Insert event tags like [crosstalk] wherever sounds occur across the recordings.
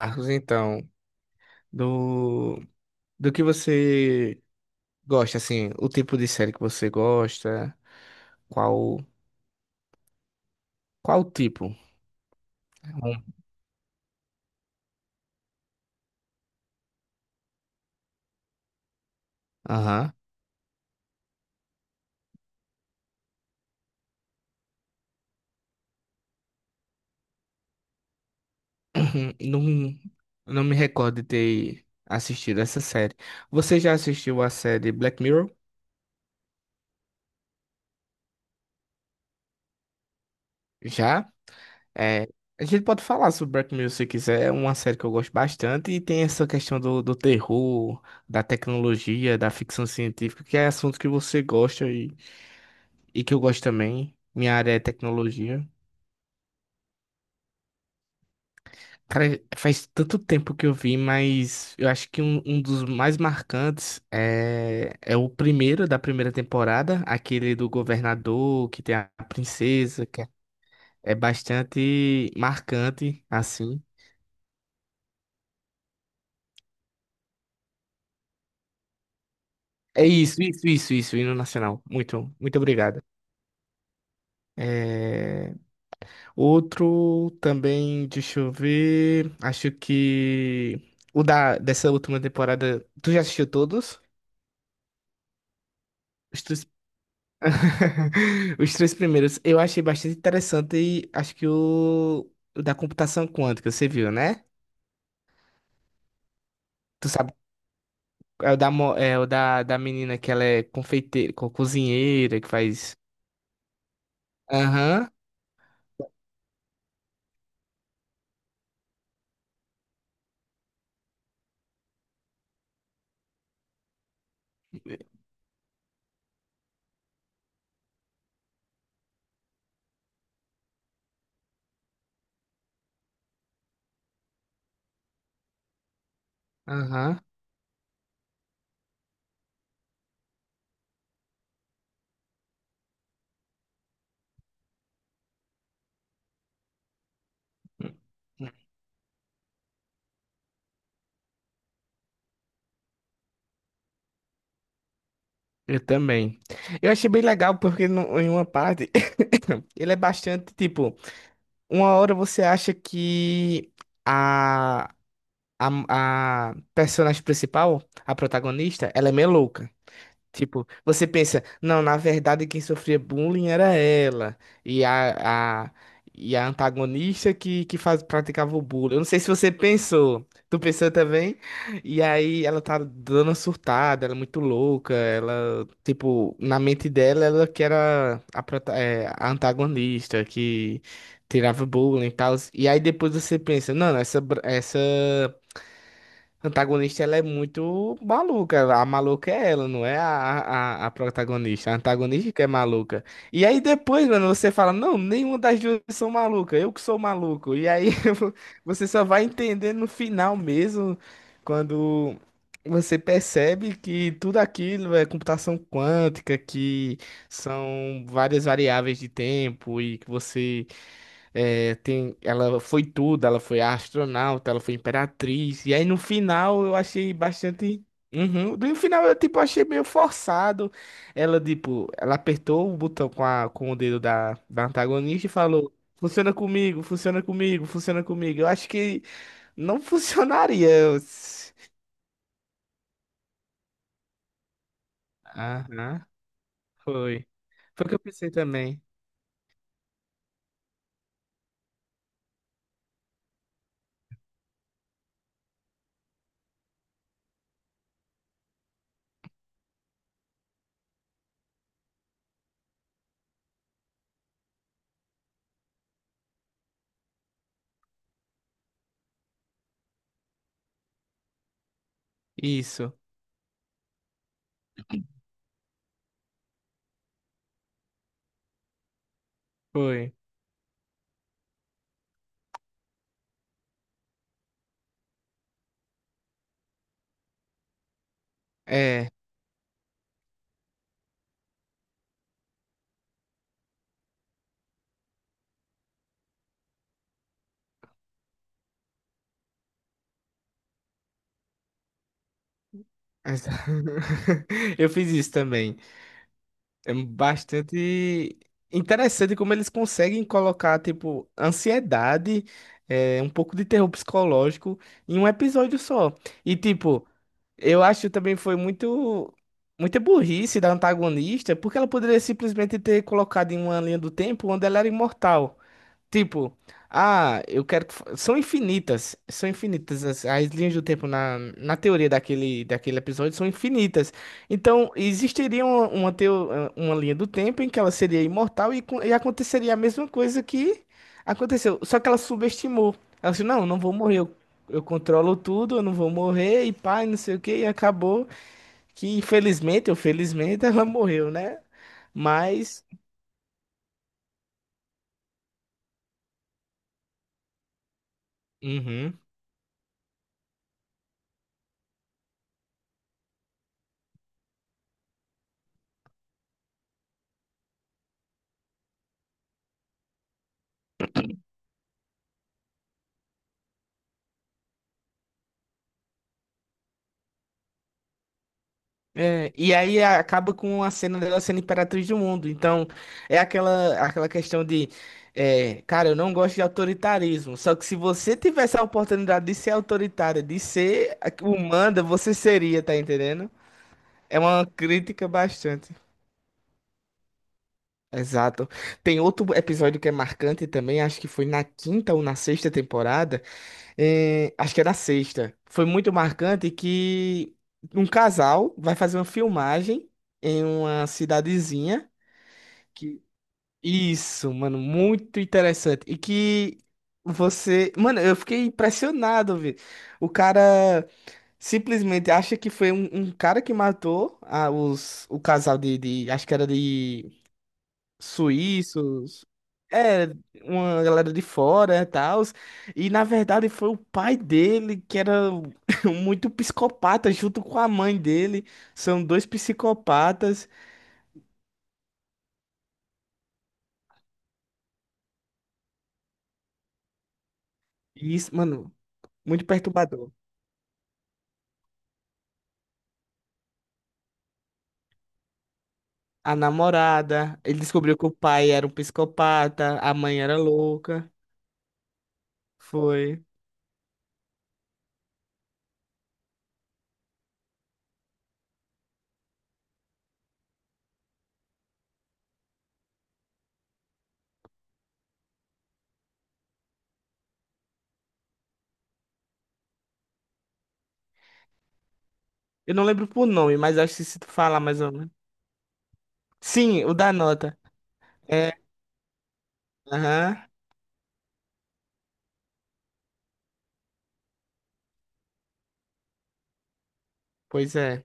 Marcos, então, do, do que você gosta, assim, o tipo de série que você gosta, qual, qual tipo? Hum. Aham. [clears throat] Não, não me recordo de ter assistido essa série. Você já assistiu a série Black Mirror? Já? É, a gente pode falar sobre Black Mirror se quiser, é uma série que eu gosto bastante e tem essa questão do terror, da tecnologia, da ficção científica, que é assunto que você gosta e que eu gosto também. Minha área é tecnologia. Cara, faz tanto tempo que eu vi, mas eu acho que um dos mais marcantes é o primeiro da primeira temporada, aquele do governador, que tem a princesa, que é bastante marcante, assim. É isso, isso, isso, isso, hino nacional. Muito, muito obrigado. É, outro também, deixa eu ver, acho que dessa última temporada, tu já assistiu todos? Os três... [laughs] Os três primeiros [laughs] eu achei bastante interessante e acho que o da computação quântica, você viu, né? Tu sabe, é o da menina que ela é confeiteira, cozinheira, que faz. Aham, aham. Eu também. Eu achei bem legal porque em uma parte [coughs] ele é bastante tipo, uma hora você acha que a, a personagem principal, a protagonista, ela é meio louca. Tipo, você pensa, não, na verdade quem sofria bullying era ela. E a, a, e a antagonista que praticava o bullying. Eu não sei se você pensou. Tu pensou também? E aí ela tá dando uma surtada, ela é muito louca. Ela, tipo, na mente dela, ela que era a antagonista, que tirava bullying e tal. E aí depois você pensa, não, essa antagonista ela é muito maluca. A maluca é ela, não é a protagonista. A antagonista que é maluca. E aí depois, mano, você fala, não, nenhuma das duas são maluca, eu que sou maluco. E aí [laughs] você só vai entender no final mesmo, quando você percebe que tudo aquilo é computação quântica, que são várias variáveis de tempo e que ela foi tudo, ela foi astronauta, ela foi imperatriz. E aí no final eu achei bastante. Uhum. No final eu tipo achei meio forçado. Ela tipo, ela apertou o botão com o dedo da antagonista e falou: "Funciona comigo, funciona comigo, funciona comigo". Eu acho que não [laughs] funcionaria. Aham, foi. Foi o que eu pensei também. Isso, foi. É. exa- [laughs] Eu fiz isso também. É bastante interessante como eles conseguem colocar, tipo, ansiedade, um pouco de terror psicológico em um episódio só. E, tipo, eu acho também foi muita burrice da antagonista, porque ela poderia simplesmente ter colocado em uma linha do tempo onde ela era imortal. Tipo, ah, eu quero que. São infinitas. São infinitas. As linhas do tempo na teoria daquele episódio são infinitas. Então, existiria uma linha do tempo em que ela seria imortal e aconteceria a mesma coisa que aconteceu. Só que ela subestimou. Ela disse: Não, não vou morrer. Eu controlo tudo, eu não vou morrer. E pá, e não sei o que. E acabou que, infelizmente ou felizmente, [laughs] ela morreu, né? Mas. Uhum. É, e aí acaba com a cena dela sendo imperatriz do mundo. Então, é aquela questão de, cara, eu não gosto de autoritarismo. Só que se você tivesse a oportunidade de ser autoritária, de ser o manda, você seria, tá entendendo? É uma crítica bastante. Exato. Tem outro episódio que é marcante também, acho que foi na quinta ou na sexta temporada acho que era sexta. Foi muito marcante que um casal vai fazer uma filmagem em uma cidadezinha. Que... Isso, mano, muito interessante. E que você. Mano, eu fiquei impressionado, velho. O cara simplesmente acha que foi um cara que matou o casal de. Acho que era de suíços, é, uma galera de fora e tal. E na verdade foi o pai dele que era [laughs] muito psicopata, junto com a mãe dele. São dois psicopatas. E isso, mano, muito perturbador. A namorada, ele descobriu que o pai era um psicopata, a mãe era louca. Foi. Eu não lembro por nome, mas acho que se tu falar mais ou menos. Sim, o da nota. É, aham, pois é.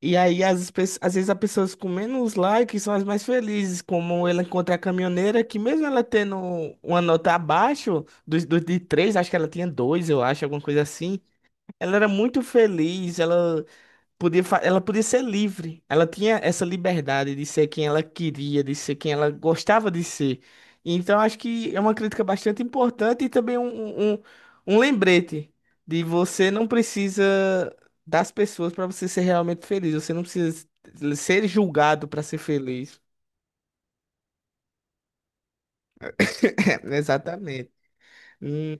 E aí, às vezes, as pessoas com menos likes são as mais felizes, como ela encontra a caminhoneira, que mesmo ela tendo uma nota abaixo dos de três, acho que ela tinha dois, eu acho, alguma coisa assim, ela era muito feliz, ela podia ser livre. Ela tinha essa liberdade de ser quem ela queria, de ser quem ela gostava de ser. Então, acho que é uma crítica bastante importante e também um lembrete de você não precisa das pessoas para você ser realmente feliz. Você não precisa ser julgado para ser feliz. [laughs] Exatamente. Hum,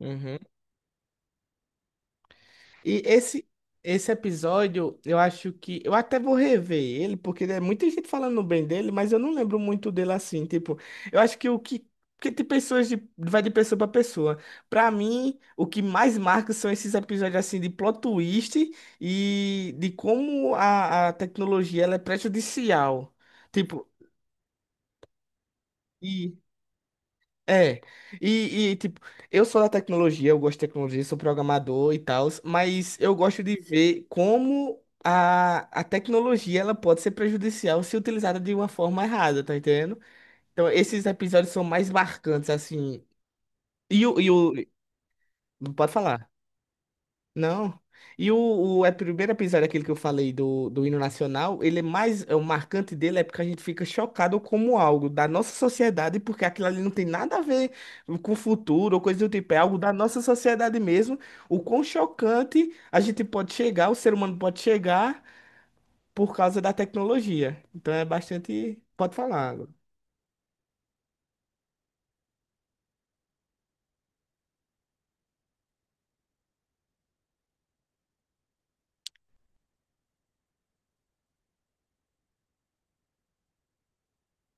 uhum. E esse episódio, eu acho que. Eu até vou rever ele, porque é muita gente falando bem dele, mas eu não lembro muito dele assim. Tipo, eu acho que o que. Porque tem pessoas de. Vai de pessoa. Pra mim, o que mais marca são esses episódios assim de plot twist e de como a tecnologia ela é prejudicial. Tipo. É, tipo, eu sou da tecnologia, eu gosto de tecnologia, sou programador e tal, mas eu gosto de ver como a tecnologia ela pode ser prejudicial se utilizada de uma forma errada, tá entendendo? Então, esses episódios são mais marcantes, assim. E o... Pode falar. Não. E o primeiro episódio, aquele que eu falei do hino nacional, ele é mais. O marcante dele é porque a gente fica chocado como algo da nossa sociedade, porque aquilo ali não tem nada a ver com o futuro ou coisa do tipo, é algo da nossa sociedade mesmo. O quão chocante a gente pode chegar, o ser humano pode chegar por causa da tecnologia. Então é bastante. Pode falar. Ágora.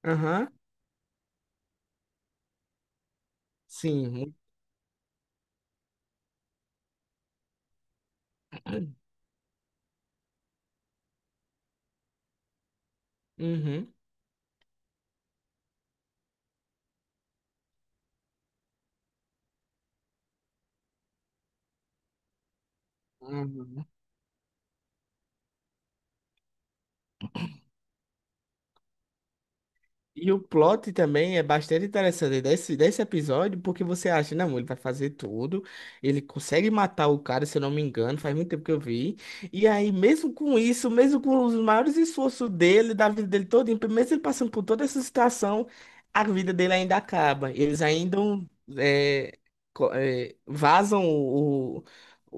Aham. Sim. Uhum. Uhum. E o plot também é bastante interessante desse episódio, porque você acha, não, ele vai fazer tudo, ele consegue matar o cara, se eu não me engano, faz muito tempo que eu vi. E aí, mesmo com isso, mesmo com os maiores esforços dele, da vida dele toda, mesmo ele passando por toda essa situação, a vida dele ainda acaba. Eles ainda é, vazam o, o,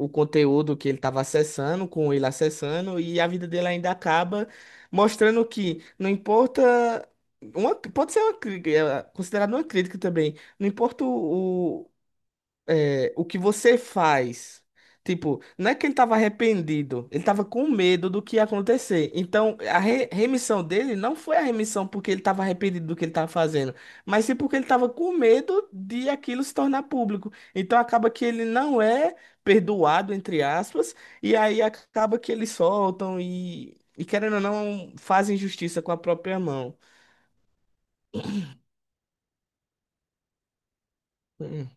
o conteúdo que ele estava acessando, com ele acessando, e a vida dele ainda acaba, mostrando que não importa. Uma, pode ser uma, considerado uma crítica também. Não importa o que você faz. Tipo, não é que ele estava arrependido, ele estava com medo do que ia acontecer. Então, a remissão dele não foi a remissão porque ele estava arrependido do que ele estava fazendo, mas sim porque ele estava com medo de aquilo se tornar público. Então, acaba que ele não é perdoado, entre aspas, e aí acaba que eles soltam e, querendo ou não, fazem justiça com a própria mão. Hum,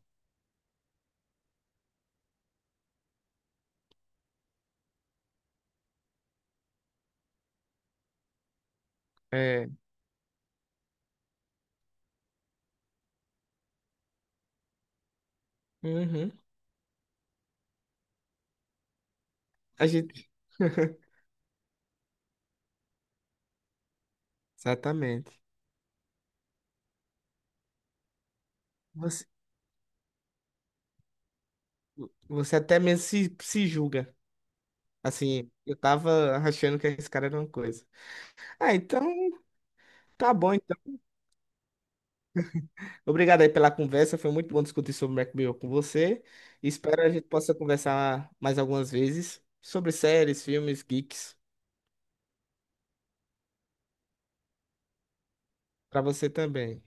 é. Uhum. A gente... [laughs] Exatamente. Você, você até mesmo se julga. Assim, eu tava achando que esse cara era uma coisa. Ah, então tá bom então. Obrigado aí pela conversa. Foi muito bom discutir sobre Black Mirror com você. Espero a gente possa conversar mais algumas vezes sobre séries, filmes, geeks. Pra você também.